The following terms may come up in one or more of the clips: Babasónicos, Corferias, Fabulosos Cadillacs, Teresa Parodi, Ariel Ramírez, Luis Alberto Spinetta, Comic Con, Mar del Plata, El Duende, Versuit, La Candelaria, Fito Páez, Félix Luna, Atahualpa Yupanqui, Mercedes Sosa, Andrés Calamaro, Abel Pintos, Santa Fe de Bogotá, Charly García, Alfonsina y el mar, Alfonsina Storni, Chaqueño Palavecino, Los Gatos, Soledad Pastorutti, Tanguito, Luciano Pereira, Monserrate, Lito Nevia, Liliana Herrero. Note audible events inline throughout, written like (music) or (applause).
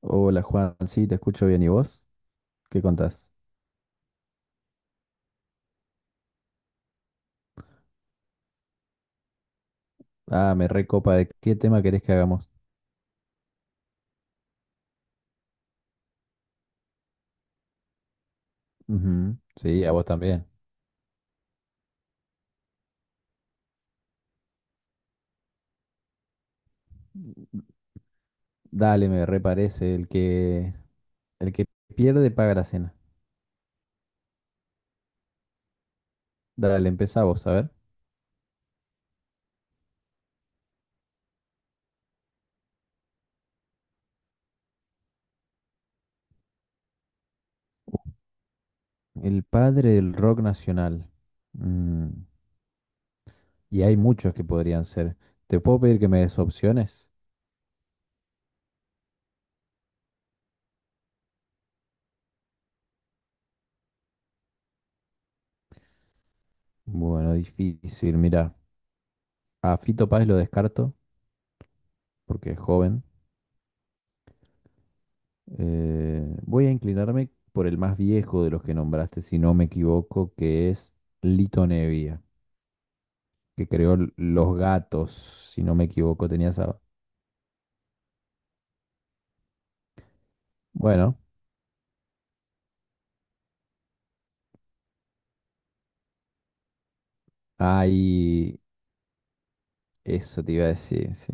Hola Juan, sí, te escucho bien. ¿Y vos? ¿Qué contás? Ah, me recopa. ¿De qué tema querés que hagamos? Ujú, sí, a vos también. Dale, me reparece. El que pierde paga la cena. Dale, empezá vos, a ver. El padre del rock nacional. Mm, y hay muchos que podrían ser. ¿Te puedo pedir que me des opciones? Bueno, difícil. Mira, a Fito Páez lo descarto porque es joven. Voy a inclinarme por el más viejo de los que nombraste, si no me equivoco, que es Lito Nevia, que creó Los Gatos. Si no me equivoco, tenía esa. Bueno, hay. Eso te iba a decir, sí.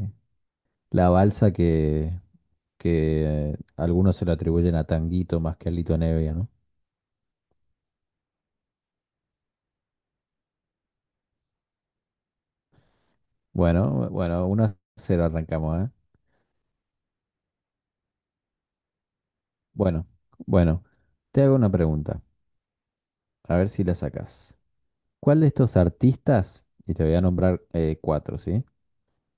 La balsa que algunos se la atribuyen a Tanguito más que a Lito Nevia, ¿no? Bueno, bueno, uno a 0 arrancamos, ¿eh? Bueno, bueno, te hago una pregunta, a ver si la sacas. ¿Cuál de estos artistas, y te voy a nombrar cuatro, sí?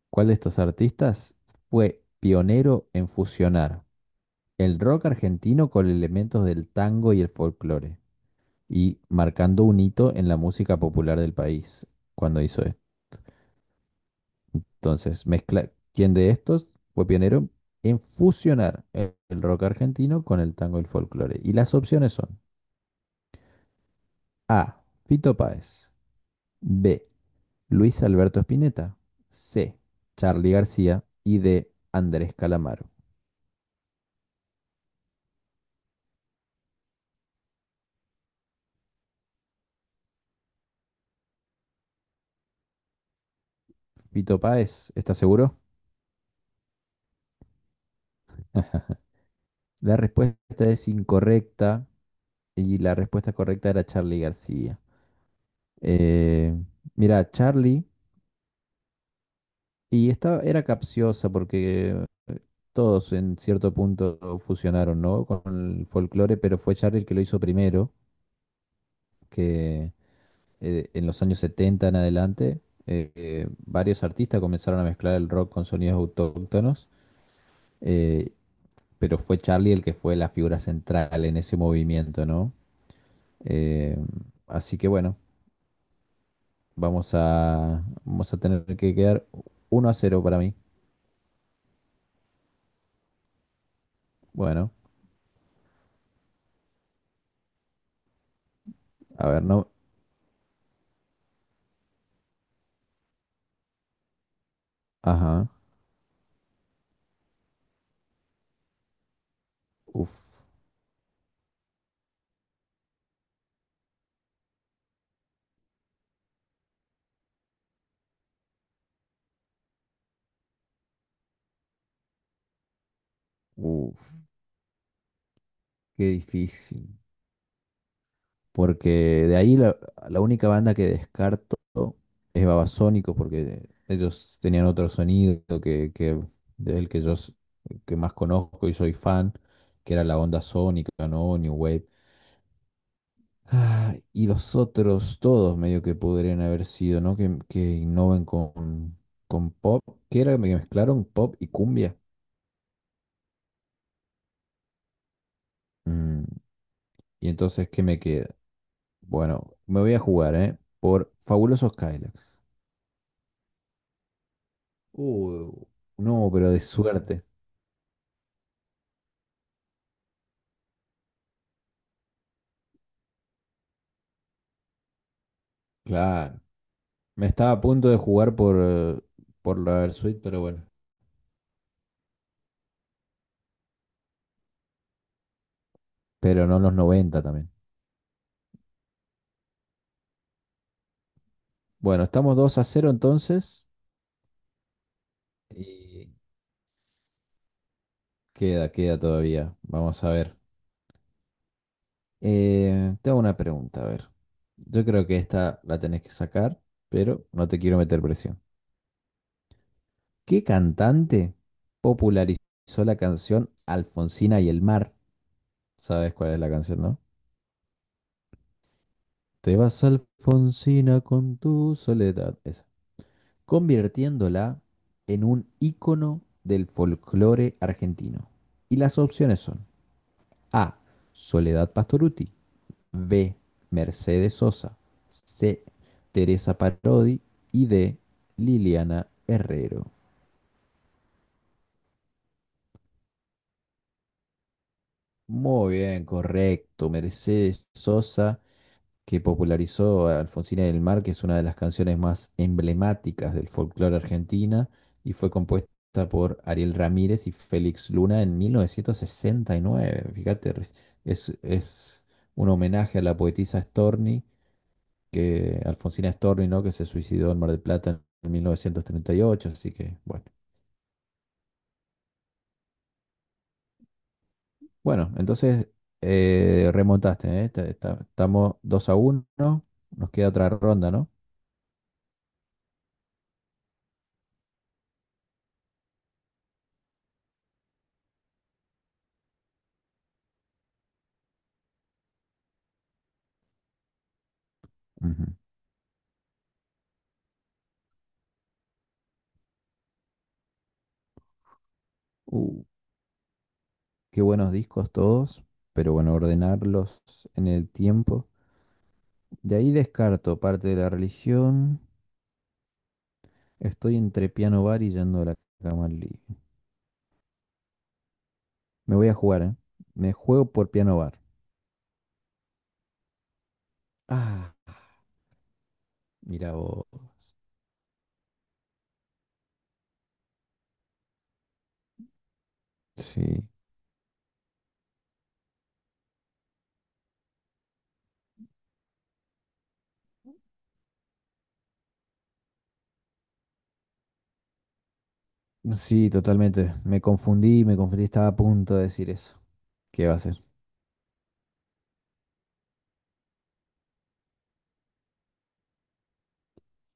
¿Cuál de estos artistas fue pionero en fusionar el rock argentino con elementos del tango y el folclore? Y marcando un hito en la música popular del país cuando hizo esto. Entonces, mezcla, ¿quién de estos fue pionero en fusionar el rock argentino con el tango y el folclore? Y las opciones son A. Fito Páez. B. Luis Alberto Spinetta. C. Charly García. Y D. Andrés Calamaro. Fito Páez, ¿estás seguro? (laughs) La respuesta es incorrecta y la respuesta correcta era Charly García. Eh, Mira, Charly, y esta era capciosa porque todos en cierto punto fusionaron, ¿no? Con el folclore, pero fue Charly el que lo hizo primero, que en los años 70 en adelante, varios artistas comenzaron a mezclar el rock con sonidos autóctonos, eh, pero fue Charlie el que fue la figura central en ese movimiento, ¿no? Eh, Así que bueno, vamos a tener que quedar 1-0 para mí. Bueno, a ver, no. Ajá. Uf, uf, qué difícil. Porque de ahí la única banda que descarto es Babasónicos, porque ellos tenían otro sonido que del que que más conozco y soy fan, que era la onda sónica, ¿no? New Wave. Ah, y los otros, todos medio que podrían haber sido, ¿no? Que innoven con pop, que era que mezclaron pop y cumbia. Mm, y entonces, ¿qué me queda? Bueno, me voy a jugar, ¿eh? Por Fabulosos Cadillacs. Uh, no, pero de suerte. Claro. Me estaba a punto de jugar por la Versuit, pero bueno. Pero no los 90 también. Bueno, estamos 2-0 entonces. Y queda todavía. Vamos a ver. Te hago una pregunta, a ver. Yo creo que esta la tenés que sacar, pero no te quiero meter presión. ¿Qué cantante popularizó la canción Alfonsina y el mar? ¿Sabes cuál es la canción, no? Te vas Alfonsina con tu soledad, esa, convirtiéndola en un ícono del folclore argentino. Y las opciones son A. Soledad Pastorutti, B. Mercedes Sosa, C. Teresa Parodi y D. Liliana Herrero. Muy bien, correcto. Mercedes Sosa, que popularizó a Alfonsina del Mar, que es una de las canciones más emblemáticas del folclore argentina y fue compuesta por Ariel Ramírez y Félix Luna en 1969. Fíjate, es un homenaje a la poetisa Storni, que Alfonsina Storni, ¿no?, que se suicidó en Mar del Plata en 1938, así que bueno. Bueno, entonces remontaste, ¿eh? Estamos 2-1, nos queda otra ronda, ¿no? Ujú. Qué buenos discos todos, pero bueno, ordenarlos en el tiempo. De ahí descarto parte de la religión. Estoy entre piano bar y yendo a la cama al living. Me voy a jugar, ¿eh? Me juego por piano bar. Ah, mira vos. Sí, sí, totalmente. Me confundí, estaba a punto de decir eso. ¿Qué va a ser?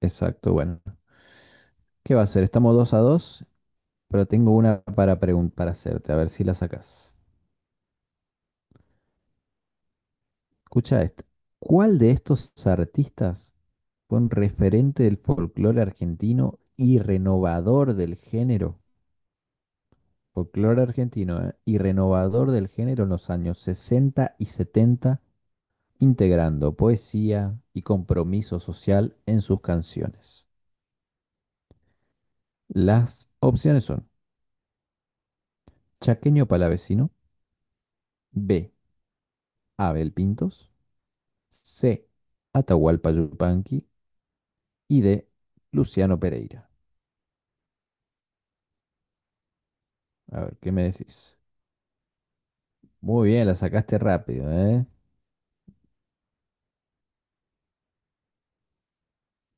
Exacto, bueno. ¿Qué va a ser? Estamos 2-2, pero tengo una para hacerte, a ver si la sacas. Escucha esta. ¿Cuál de estos artistas fue un referente del folclore argentino y renovador del género? Folclore argentino, ¿eh? Y renovador del género en los años 60 y 70, integrando poesía y compromiso social en sus canciones. Las opciones son Chaqueño Palavecino, B. Abel Pintos, C. Atahualpa Yupanqui y D. Luciano Pereira. A ver, ¿qué me decís? Muy bien, la sacaste rápido, ¿eh?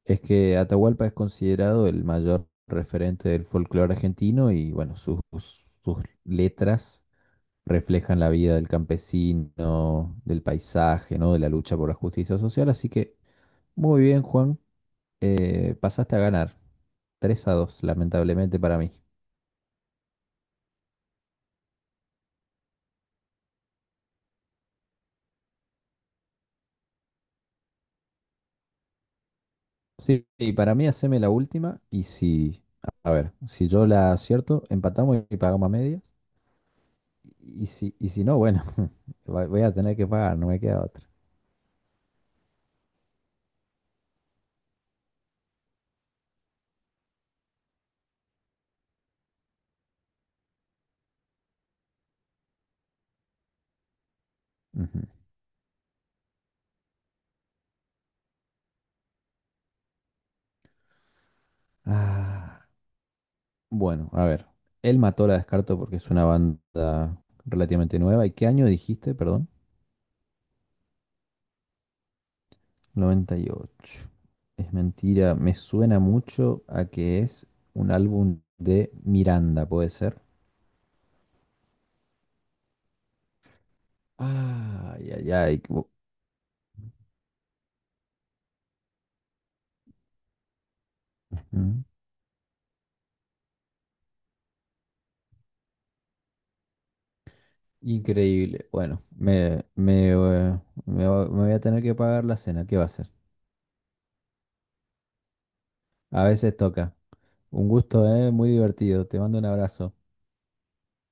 Es que Atahualpa es considerado el mayor referente del folclore argentino y bueno, sus letras reflejan la vida del campesino, del paisaje, ¿no? De la lucha por la justicia social. Así que muy bien, Juan. Pasaste a ganar. 3-2, lamentablemente para mí. Sí, y para mí haceme la última y, si, a ver, si yo la acierto, empatamos y pagamos a medias. Y si no, bueno, (laughs) voy a tener que pagar, no me queda otra. Ujú. Ah, bueno, a ver. Él mató la descarto porque es una banda relativamente nueva. ¿Y qué año dijiste, perdón? 98. Es mentira, me suena mucho a que es un álbum de Miranda, ¿puede ser? Ay, ay, ay. Ujú. Increíble. Bueno, me voy a tener que pagar la cena. ¿Qué va a hacer? A veces toca. Un gusto, ¿eh? Muy divertido. Te mando un abrazo.